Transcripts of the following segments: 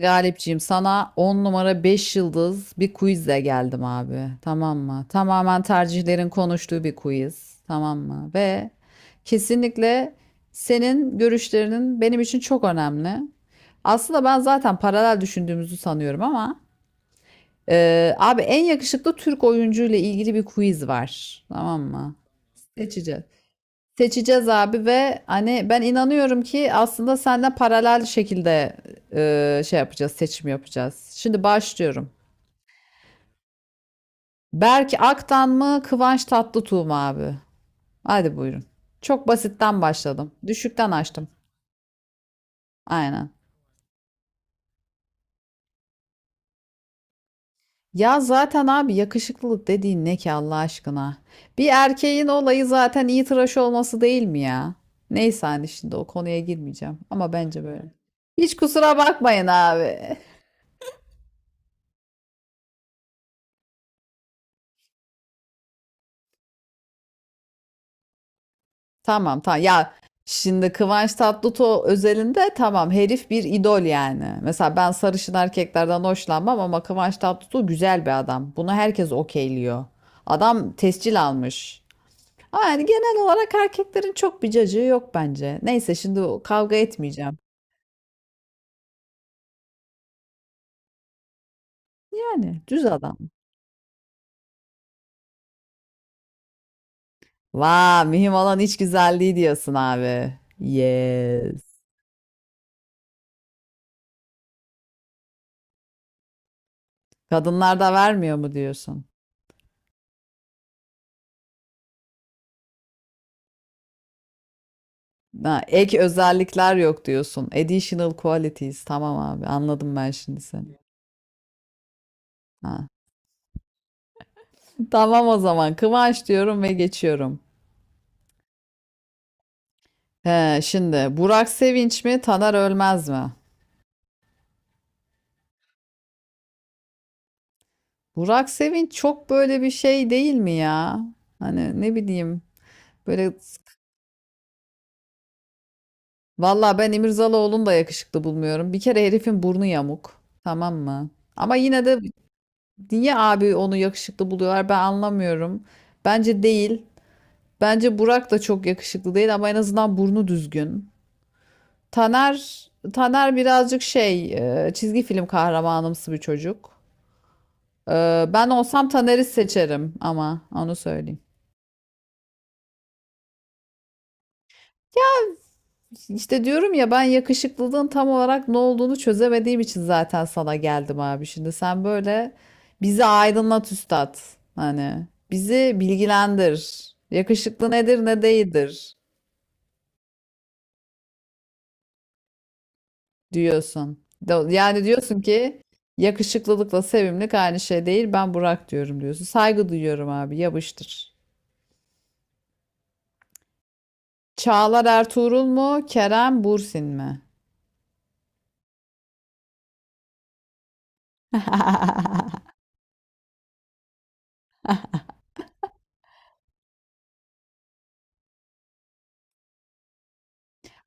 Galipciğim sana 10 numara 5 yıldız bir quizle geldim abi. Tamam mı? Tamamen tercihlerin konuştuğu bir quiz. Tamam mı? Ve kesinlikle senin görüşlerinin benim için çok önemli. Aslında ben zaten paralel düşündüğümüzü sanıyorum ama abi en yakışıklı Türk oyuncu ile ilgili bir quiz var. Tamam mı? Seçeceğiz. Seçeceğiz abi ve hani ben inanıyorum ki aslında senden paralel şekilde seçim yapacağız. Şimdi başlıyorum. Berk Aktan mı, Kıvanç Tatlıtuğ mu abi? Hadi buyurun. Çok basitten başladım. Düşükten açtım. Aynen. Ya zaten abi yakışıklılık dediğin ne ki Allah aşkına? Bir erkeğin olayı zaten iyi tıraş olması değil mi ya? Neyse hani şimdi o konuya girmeyeceğim ama bence böyle. Hiç kusura bakmayın abi. Tamam tamam. Ya şimdi Kıvanç Tatlıtuğ özelinde tamam herif bir idol yani. Mesela ben sarışın erkeklerden hoşlanmam ama Kıvanç Tatlıtuğ güzel bir adam. Bunu herkes okeyliyor. Adam tescil almış. Ama yani genel olarak erkeklerin çok bir cacığı yok bence. Neyse şimdi kavga etmeyeceğim. Yani düz adam. Vaa mühim olan iç güzelliği diyorsun abi. Yes. Kadınlar da vermiyor mu diyorsun? Ha, ek özellikler yok diyorsun. Additional qualities. Tamam abi, anladım ben şimdi seni. Ha. Tamam o zaman. Kıvanç diyorum ve geçiyorum. He, şimdi Burak Sevinç mi, Taner Ölmez mi? Burak Sevinç çok böyle bir şey değil mi ya? Hani ne bileyim. Böyle valla ben İmirzalıoğlu'nu da yakışıklı bulmuyorum. Bir kere herifin burnu yamuk. Tamam mı? Ama yine de niye abi onu yakışıklı buluyorlar ben anlamıyorum. Bence değil. Bence Burak da çok yakışıklı değil ama en azından burnu düzgün. Taner birazcık çizgi film kahramanımsı bir çocuk. Ben olsam Taner'i seçerim ama onu söyleyeyim. İşte diyorum ya ben yakışıklılığın tam olarak ne olduğunu çözemediğim için zaten sana geldim abi. Şimdi sen böyle bizi aydınlat üstad. Hani bizi bilgilendir. Yakışıklı nedir ne değildir, diyorsun. Yani diyorsun ki yakışıklılıkla sevimlilik aynı şey değil. Ben Burak diyorum diyorsun. Saygı duyuyorum abi. Yapıştır. Çağlar Ertuğrul mu? Kerem Bürsin mi?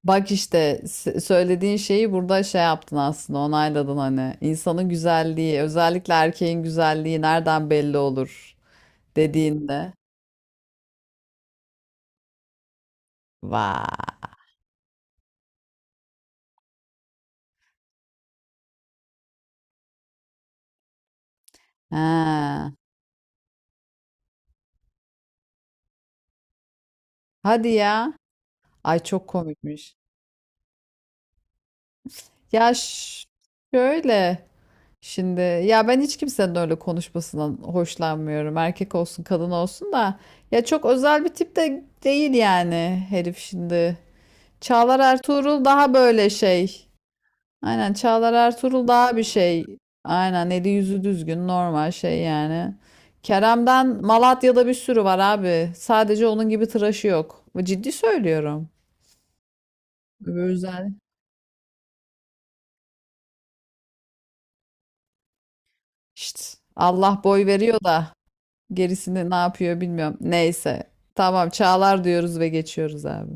Bak işte söylediğin şeyi burada şey yaptın aslında onayladın hani. İnsanın güzelliği, özellikle erkeğin güzelliği nereden belli olur dediğinde. Vay. Ha. Hadi ya. Ay çok komikmiş. Ya ş- Şöyle. Şimdi ya ben hiç kimsenin öyle konuşmasından hoşlanmıyorum. Erkek olsun, kadın olsun da ya çok özel bir tip de değil yani herif şimdi. Çağlar Ertuğrul daha böyle şey. Aynen Çağlar Ertuğrul daha bir şey. Aynen eli yüzü düzgün normal şey yani. Kerem'den Malatya'da bir sürü var abi. Sadece onun gibi tıraşı yok. Ciddi söylüyorum. Öbür özel. İşte Allah boy veriyor da. Gerisini ne yapıyor bilmiyorum. Neyse. Tamam çağlar diyoruz ve geçiyoruz abi.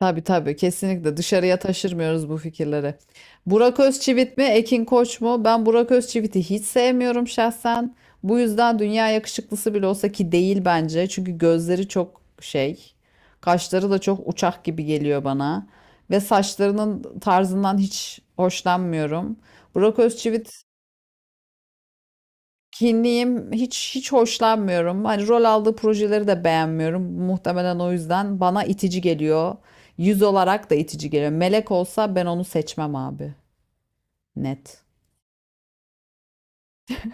Tabii tabii kesinlikle dışarıya taşırmıyoruz bu fikirleri. Burak Özçivit mi Ekin Koç mu? Ben Burak Özçivit'i hiç sevmiyorum şahsen. Bu yüzden dünya yakışıklısı bile olsa ki değil bence. Çünkü gözleri çok şey. Kaşları da çok uçak gibi geliyor bana. Ve saçlarının tarzından hiç hoşlanmıyorum. Burak Özçivit. Kinliyim. Hiç hoşlanmıyorum. Hani rol aldığı projeleri de beğenmiyorum. Muhtemelen o yüzden bana itici geliyor. Yüz olarak da itici geliyor. Melek olsa ben onu seçmem abi. Net.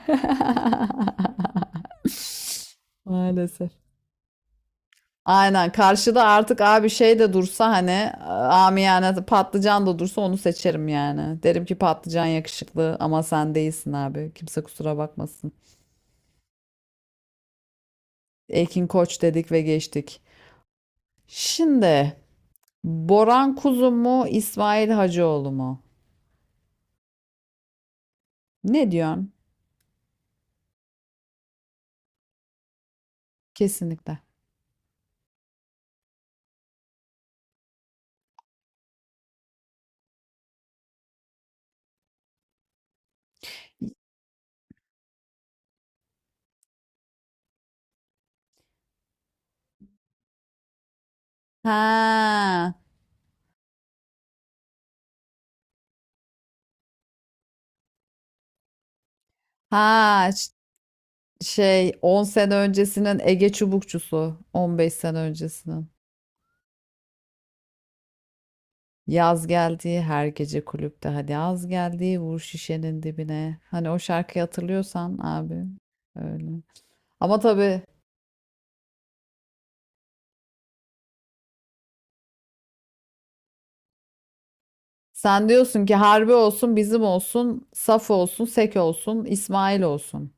Maalesef. Aynen. Karşıda artık abi şey de dursa hani amiyane patlıcan da dursa onu seçerim yani. Derim ki patlıcan yakışıklı ama sen değilsin abi. Kimse kusura bakmasın. Ekin Koç dedik ve geçtik. Şimdi Boran Kuzu mu, İsmail Hacıoğlu mu? Ne diyorsun? Kesinlikle. Ha, ha, 10 sene öncesinin Ege Çubukçusu, 15 sene öncesinin. Yaz geldi her gece kulüpte hadi yaz geldi vur şişenin dibine. Hani o şarkıyı hatırlıyorsan abi öyle. Ama tabii sen diyorsun ki harbi olsun bizim olsun, saf olsun, sek olsun, İsmail olsun.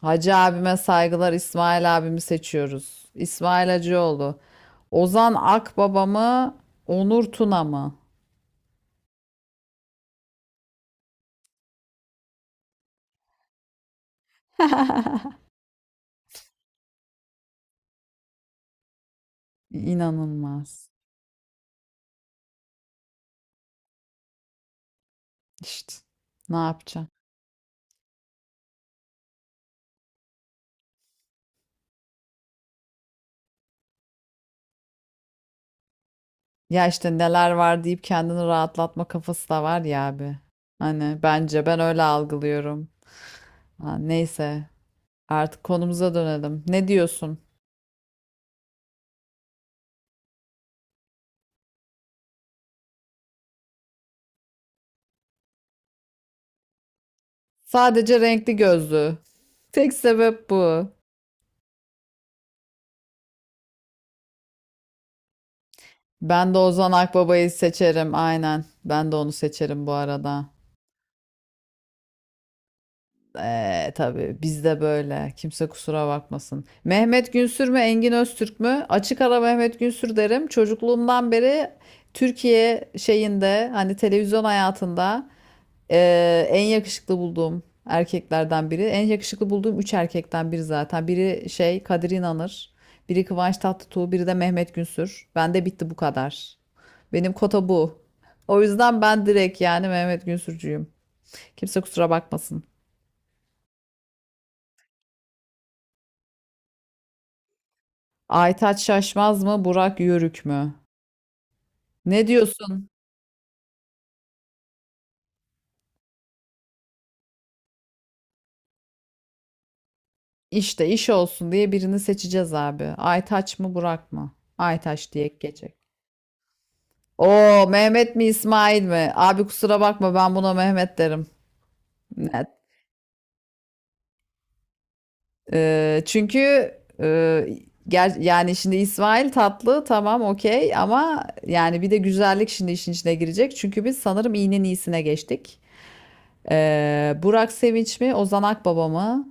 Hacı abime saygılar. İsmail abimi seçiyoruz. İsmail Hacıoğlu. Ozan Akbaba mı? Onur Tuna mı? İnanılmaz. İşte ne yapacağım? Ya işte neler var deyip kendini rahatlatma kafası da var ya abi. Hani bence ben öyle algılıyorum. Ha, neyse artık konumuza dönelim. Ne diyorsun? Sadece renkli gözlü. Tek sebep bu. Ben de Ozan Akbaba'yı seçerim aynen. Ben de onu seçerim bu arada. Tabii bizde böyle. Kimse kusura bakmasın. Mehmet Günsür mü, Engin Öztürk mü? Açık ara Mehmet Günsür derim. Çocukluğumdan beri Türkiye şeyinde hani televizyon hayatında en yakışıklı bulduğum erkeklerden biri. En yakışıklı bulduğum üç erkekten biri zaten. Biri Kadir İnanır, biri Kıvanç Tatlıtuğ, biri de Mehmet Günsür. Bende bitti bu kadar. Benim kota bu. O yüzden ben direkt yani Mehmet Günsürcüyüm. Kimse kusura bakmasın. Aytaç Şaşmaz mı, Burak Yörük mü? Ne diyorsun? İşte iş olsun diye birini seçeceğiz abi. Aytaç mı, Burak mı? Aytaç diye geçecek. Oo, Mehmet mi, İsmail mi? Abi kusura bakma ben buna Mehmet derim. Net. Çünkü e, yani şimdi İsmail tatlı tamam okey ama yani bir de güzellik şimdi işin içine girecek. Çünkü biz sanırım iğnenin iyisine geçtik. Burak Sevinç mi, Ozan Akbaba mı?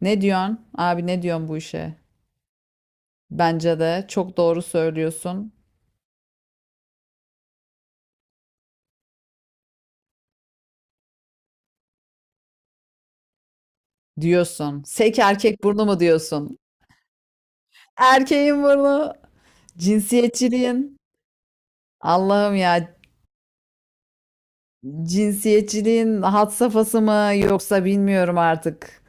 Ne diyorsun? Abi ne diyorsun bu işe? Bence de çok doğru söylüyorsun. Diyorsun. Sek erkek burnu mu diyorsun? Erkeğin burnu. Cinsiyetçiliğin. Allah'ım ya. Cinsiyetçiliğin had safhası mı yoksa bilmiyorum artık.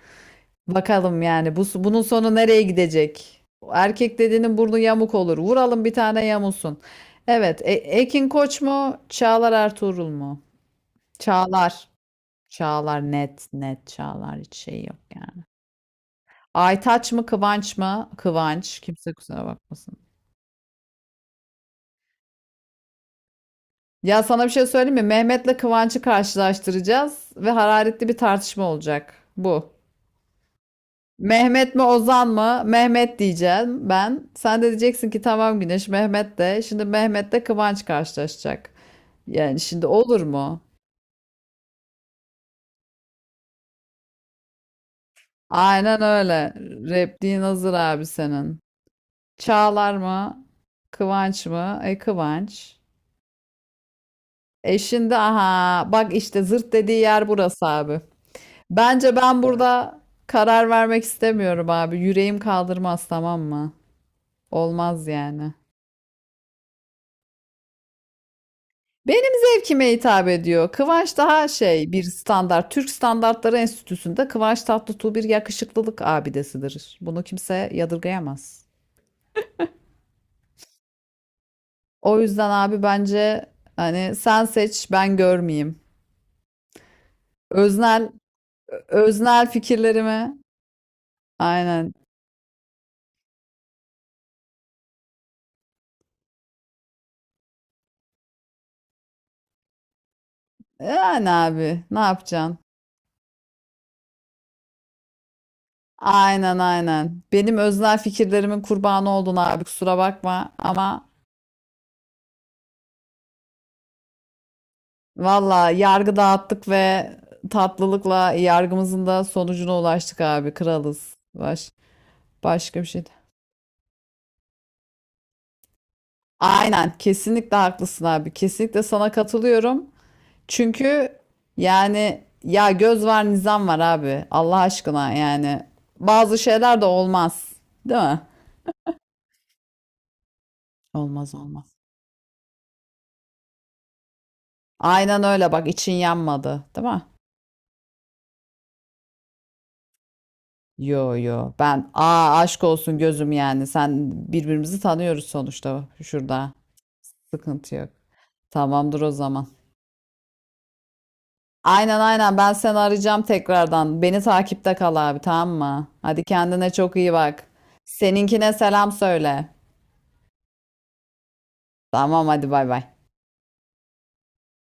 Bakalım yani bu bunun sonu nereye gidecek? Erkek dediğinin burnu yamuk olur. Vuralım bir tane yamulsun. Evet, Ekin Koç mu? Çağlar Ertuğrul mu? Çağlar. Çağlar net net Çağlar hiç şey yok yani. Aytaç mı Kıvanç mı? Kıvanç. Kimse kusura bakmasın. Ya sana bir şey söyleyeyim mi? Mehmet'le Kıvanç'ı karşılaştıracağız ve hararetli bir tartışma olacak. Bu. Mehmet mi Ozan mı? Mehmet diyeceğim ben. Sen de diyeceksin ki tamam Güneş Mehmet de. Şimdi Mehmet'le Kıvanç karşılaşacak. Yani şimdi olur mu? Aynen öyle. Repliğin hazır abi senin. Çağlar mı? Kıvanç mı? E Kıvanç. E şimdi aha bak işte zırt dediği yer burası abi. Bence ben burada karar vermek istemiyorum abi. Yüreğim kaldırmaz tamam mı? Olmaz yani. Benim zevkime hitap ediyor. Kıvanç daha şey bir standart. Türk Standartları Enstitüsü'nde Kıvanç Tatlıtuğ bir yakışıklılık abidesidir. Bunu kimse yadırgayamaz. O yüzden abi bence hani sen seç ben görmeyeyim. Öznel, öznel fikirlerimi aynen. Yani abi ne yapacaksın? Aynen aynen. Benim öznel fikirlerimin kurbanı oldun abi kusura bakma ama valla yargı dağıttık ve tatlılıkla yargımızın da sonucuna ulaştık abi kralız. Baş, başka bir şey. Aynen kesinlikle haklısın abi kesinlikle sana katılıyorum. Çünkü yani ya göz var nizam var abi Allah aşkına yani bazı şeyler de olmaz değil mi? Olmaz olmaz. Aynen öyle bak için yanmadı değil mi? Yo yo ben aşk olsun gözüm yani sen birbirimizi tanıyoruz sonuçta şurada sıkıntı yok. Tamamdır o zaman. Aynen aynen ben seni arayacağım tekrardan. Beni takipte kal abi tamam mı? Hadi kendine çok iyi bak. Seninkine selam söyle. Tamam hadi bay bay.